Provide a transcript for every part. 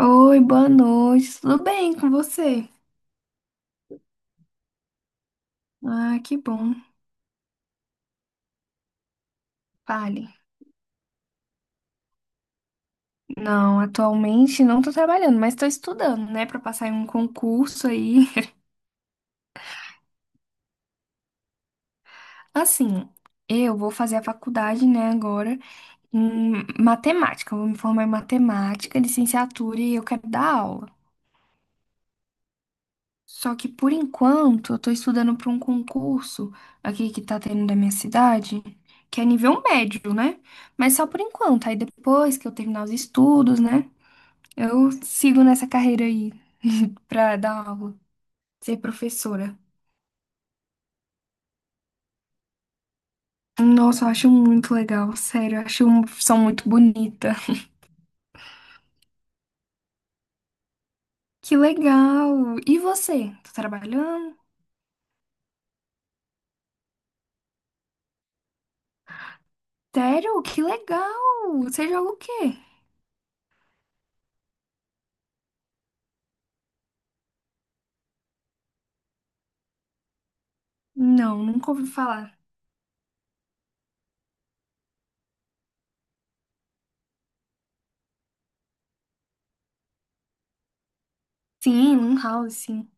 Oi, boa noite. Tudo bem com você? Ah, que bom. Fale. Não, atualmente não tô trabalhando, mas tô estudando, né, pra passar em um concurso aí. Assim, eu vou fazer a faculdade, né, agora em matemática. Eu vou me formar em matemática, licenciatura e eu quero dar aula. Só que por enquanto eu tô estudando pra um concurso aqui que tá tendo da minha cidade, que é nível médio, né? Mas só por enquanto. Aí depois que eu terminar os estudos, né? Eu sigo nessa carreira aí pra dar aula, ser professora. Nossa, eu acho muito legal, sério, eu acho uma profissão muito bonita. Que legal! E você? Tá trabalhando? Sério? Que legal! Você joga o quê? Não, nunca ouvi falar. Sim, um House, sim.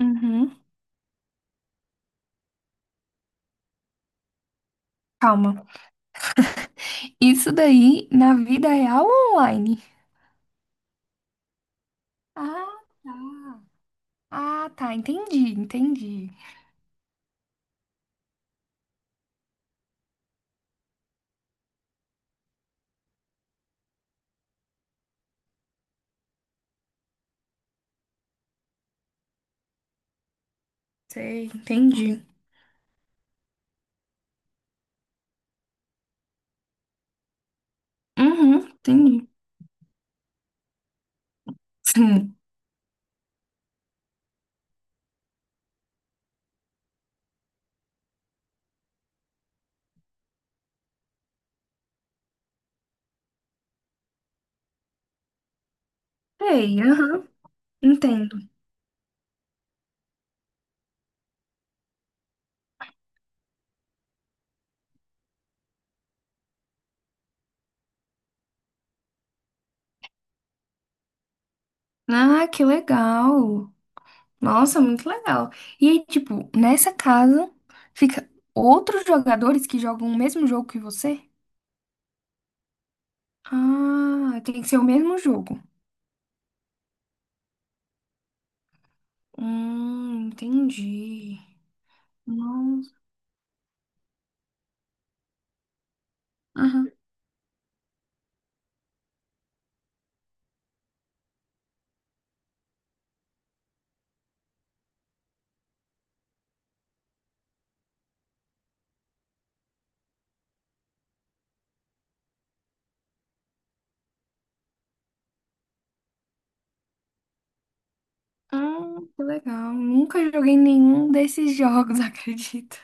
Uhum. Calma. Isso daí na vida real ou online? Ah, tá. Ah, tá. Entendi, entendi. Sei, entendi. Uhum, entendi. Sei, aham, entendo. Ah, que legal. Nossa, muito legal. E aí, tipo, nessa casa fica outros jogadores que jogam o mesmo jogo que você? Ah, tem que ser o mesmo jogo. Entendi. Nossa, aham. Que legal. Nunca joguei nenhum desses jogos, acredita.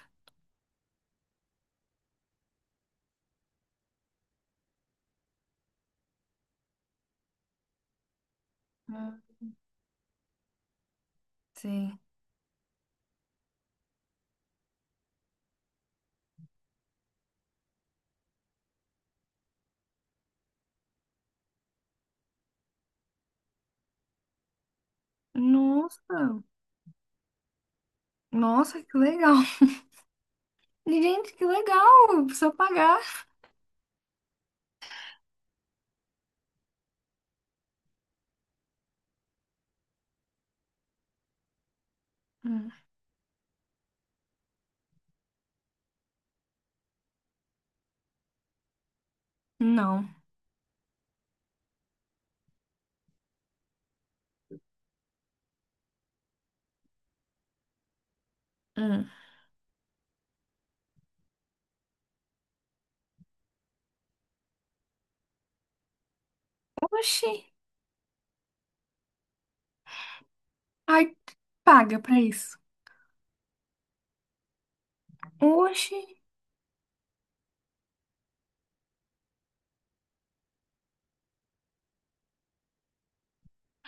Hum. Sei. Nossa, nossa, que legal. Gente, que legal. Precisa pagar. Hum. Não. Hum. Oxi. Ai, paga pra isso. Oxi.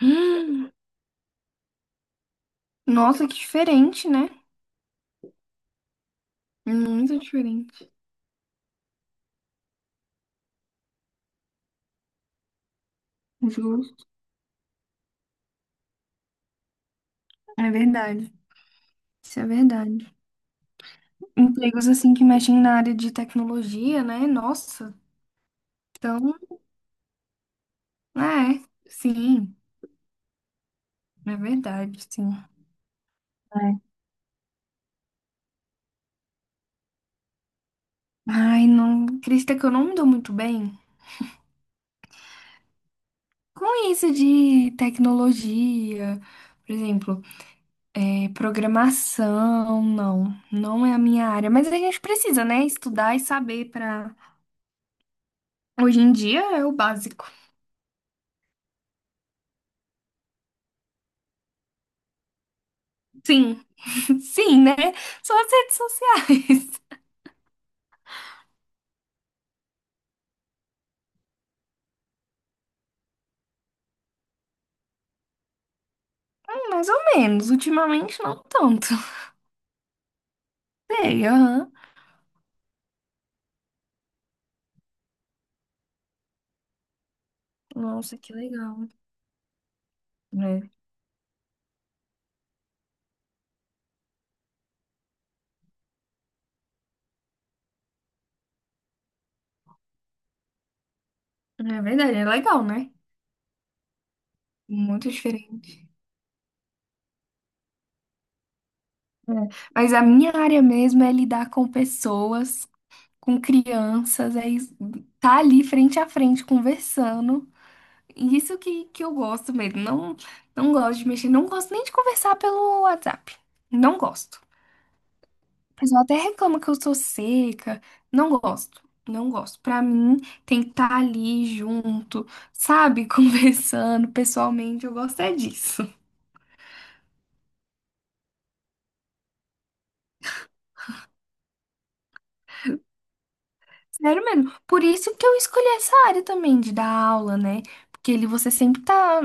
Hum. Nossa, que diferente, né? Muito diferente. Justo. É verdade. Isso é verdade. Empregos assim que mexem na área de tecnologia, né? Nossa. Então, é. Sim. É verdade, sim. É. Ai, não. Acredita que eu não me dou muito bem com isso de tecnologia. Por exemplo. É, programação, não, não é a minha área, mas a gente precisa, né, estudar e saber para hoje em dia é o básico. Sim. Sim, né? Só as redes sociais. Mais ou menos, ultimamente não tanto. Sei, aham. Nossa, que legal. É, é verdade, é legal, né? Muito diferente. É. Mas a minha área mesmo é lidar com pessoas, com crianças, é estar tá ali frente a frente conversando. E isso que eu gosto mesmo. Não, não gosto de mexer. Não gosto nem de conversar pelo WhatsApp. Não gosto. O pessoal até reclama que eu sou seca. Não gosto. Não gosto. Pra mim, tem que estar ali junto, sabe? Conversando pessoalmente. Eu gosto é disso. Sério mesmo. Por isso que eu escolhi essa área também de dar aula, né? Porque ele você sempre tá,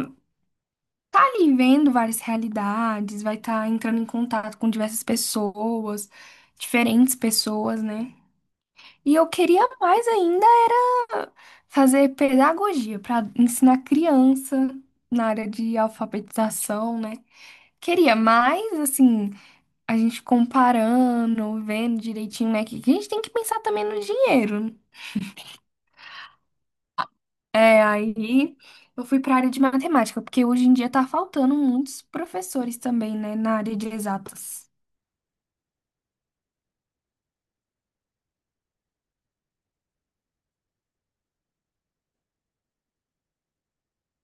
tá ali vendo várias realidades, vai estar entrando em contato com diversas pessoas, diferentes pessoas, né? E eu queria mais ainda era fazer pedagogia para ensinar criança na área de alfabetização, né? Queria mais, assim, a gente comparando, vendo direitinho, né? Que a gente tem que pensar também no dinheiro. É, aí eu fui para a área de matemática, porque hoje em dia tá faltando muitos professores também, né, na área de exatas.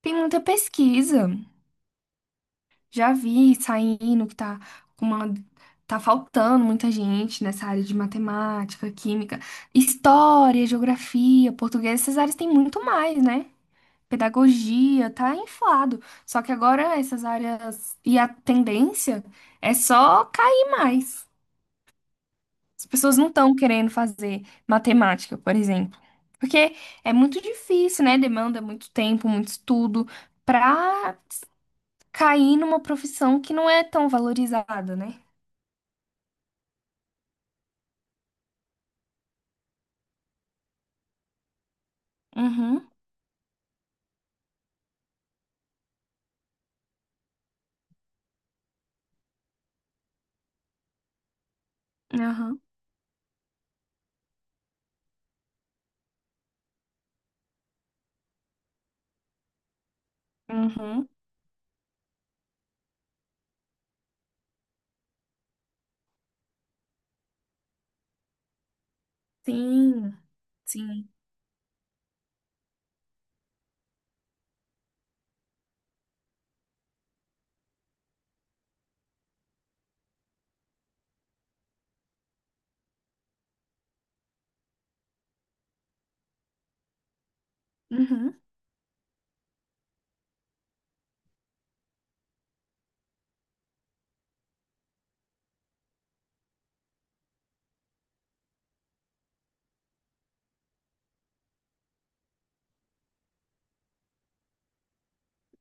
Tem muita pesquisa. Já vi saindo que tá com uma tá faltando muita gente nessa área de matemática, química, história, geografia, português, essas áreas têm muito mais, né? Pedagogia, tá inflado. Só que agora essas áreas e a tendência é só cair mais. As pessoas não estão querendo fazer matemática, por exemplo, porque é muito difícil, né? Demanda muito tempo, muito estudo, para cair numa profissão que não é tão valorizada, né? Uhum, uhum, uhum. Sim, sim. Uhum.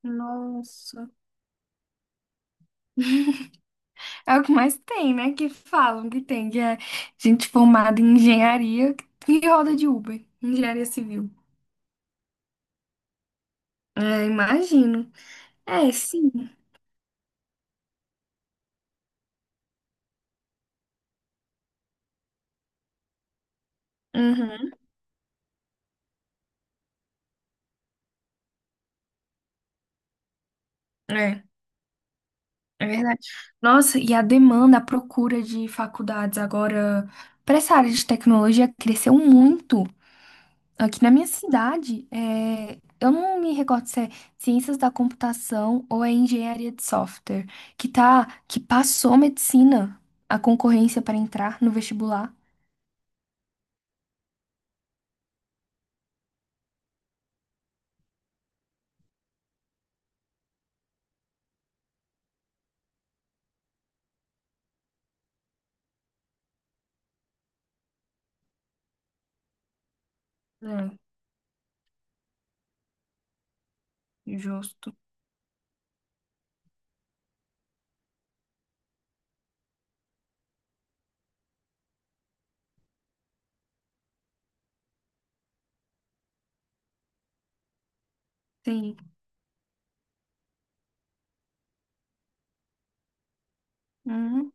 Nossa. É o que mais tem, né? Que falam que tem, que é gente formada em engenharia que roda de Uber, engenharia civil. É, imagino. É, sim. Uhum. É, é verdade. Nossa, e a demanda, a procura de faculdades agora para essa área de tecnologia cresceu muito. Aqui na minha cidade, é, eu não me recordo se é ciências da computação ou é engenharia de software, que tá, que passou medicina, a concorrência para entrar no vestibular. É, justo. Sim. Hum,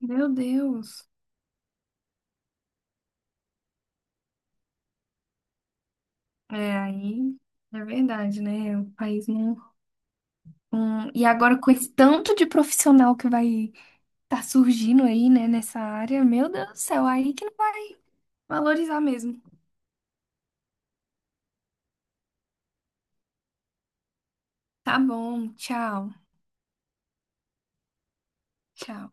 meu Deus. É, aí é verdade, né? O país não. Não- e agora com esse tanto de profissional que vai estar surgindo aí, né, nessa área, meu Deus do céu, aí que não vai valorizar mesmo. Tá bom, tchau. Tchau.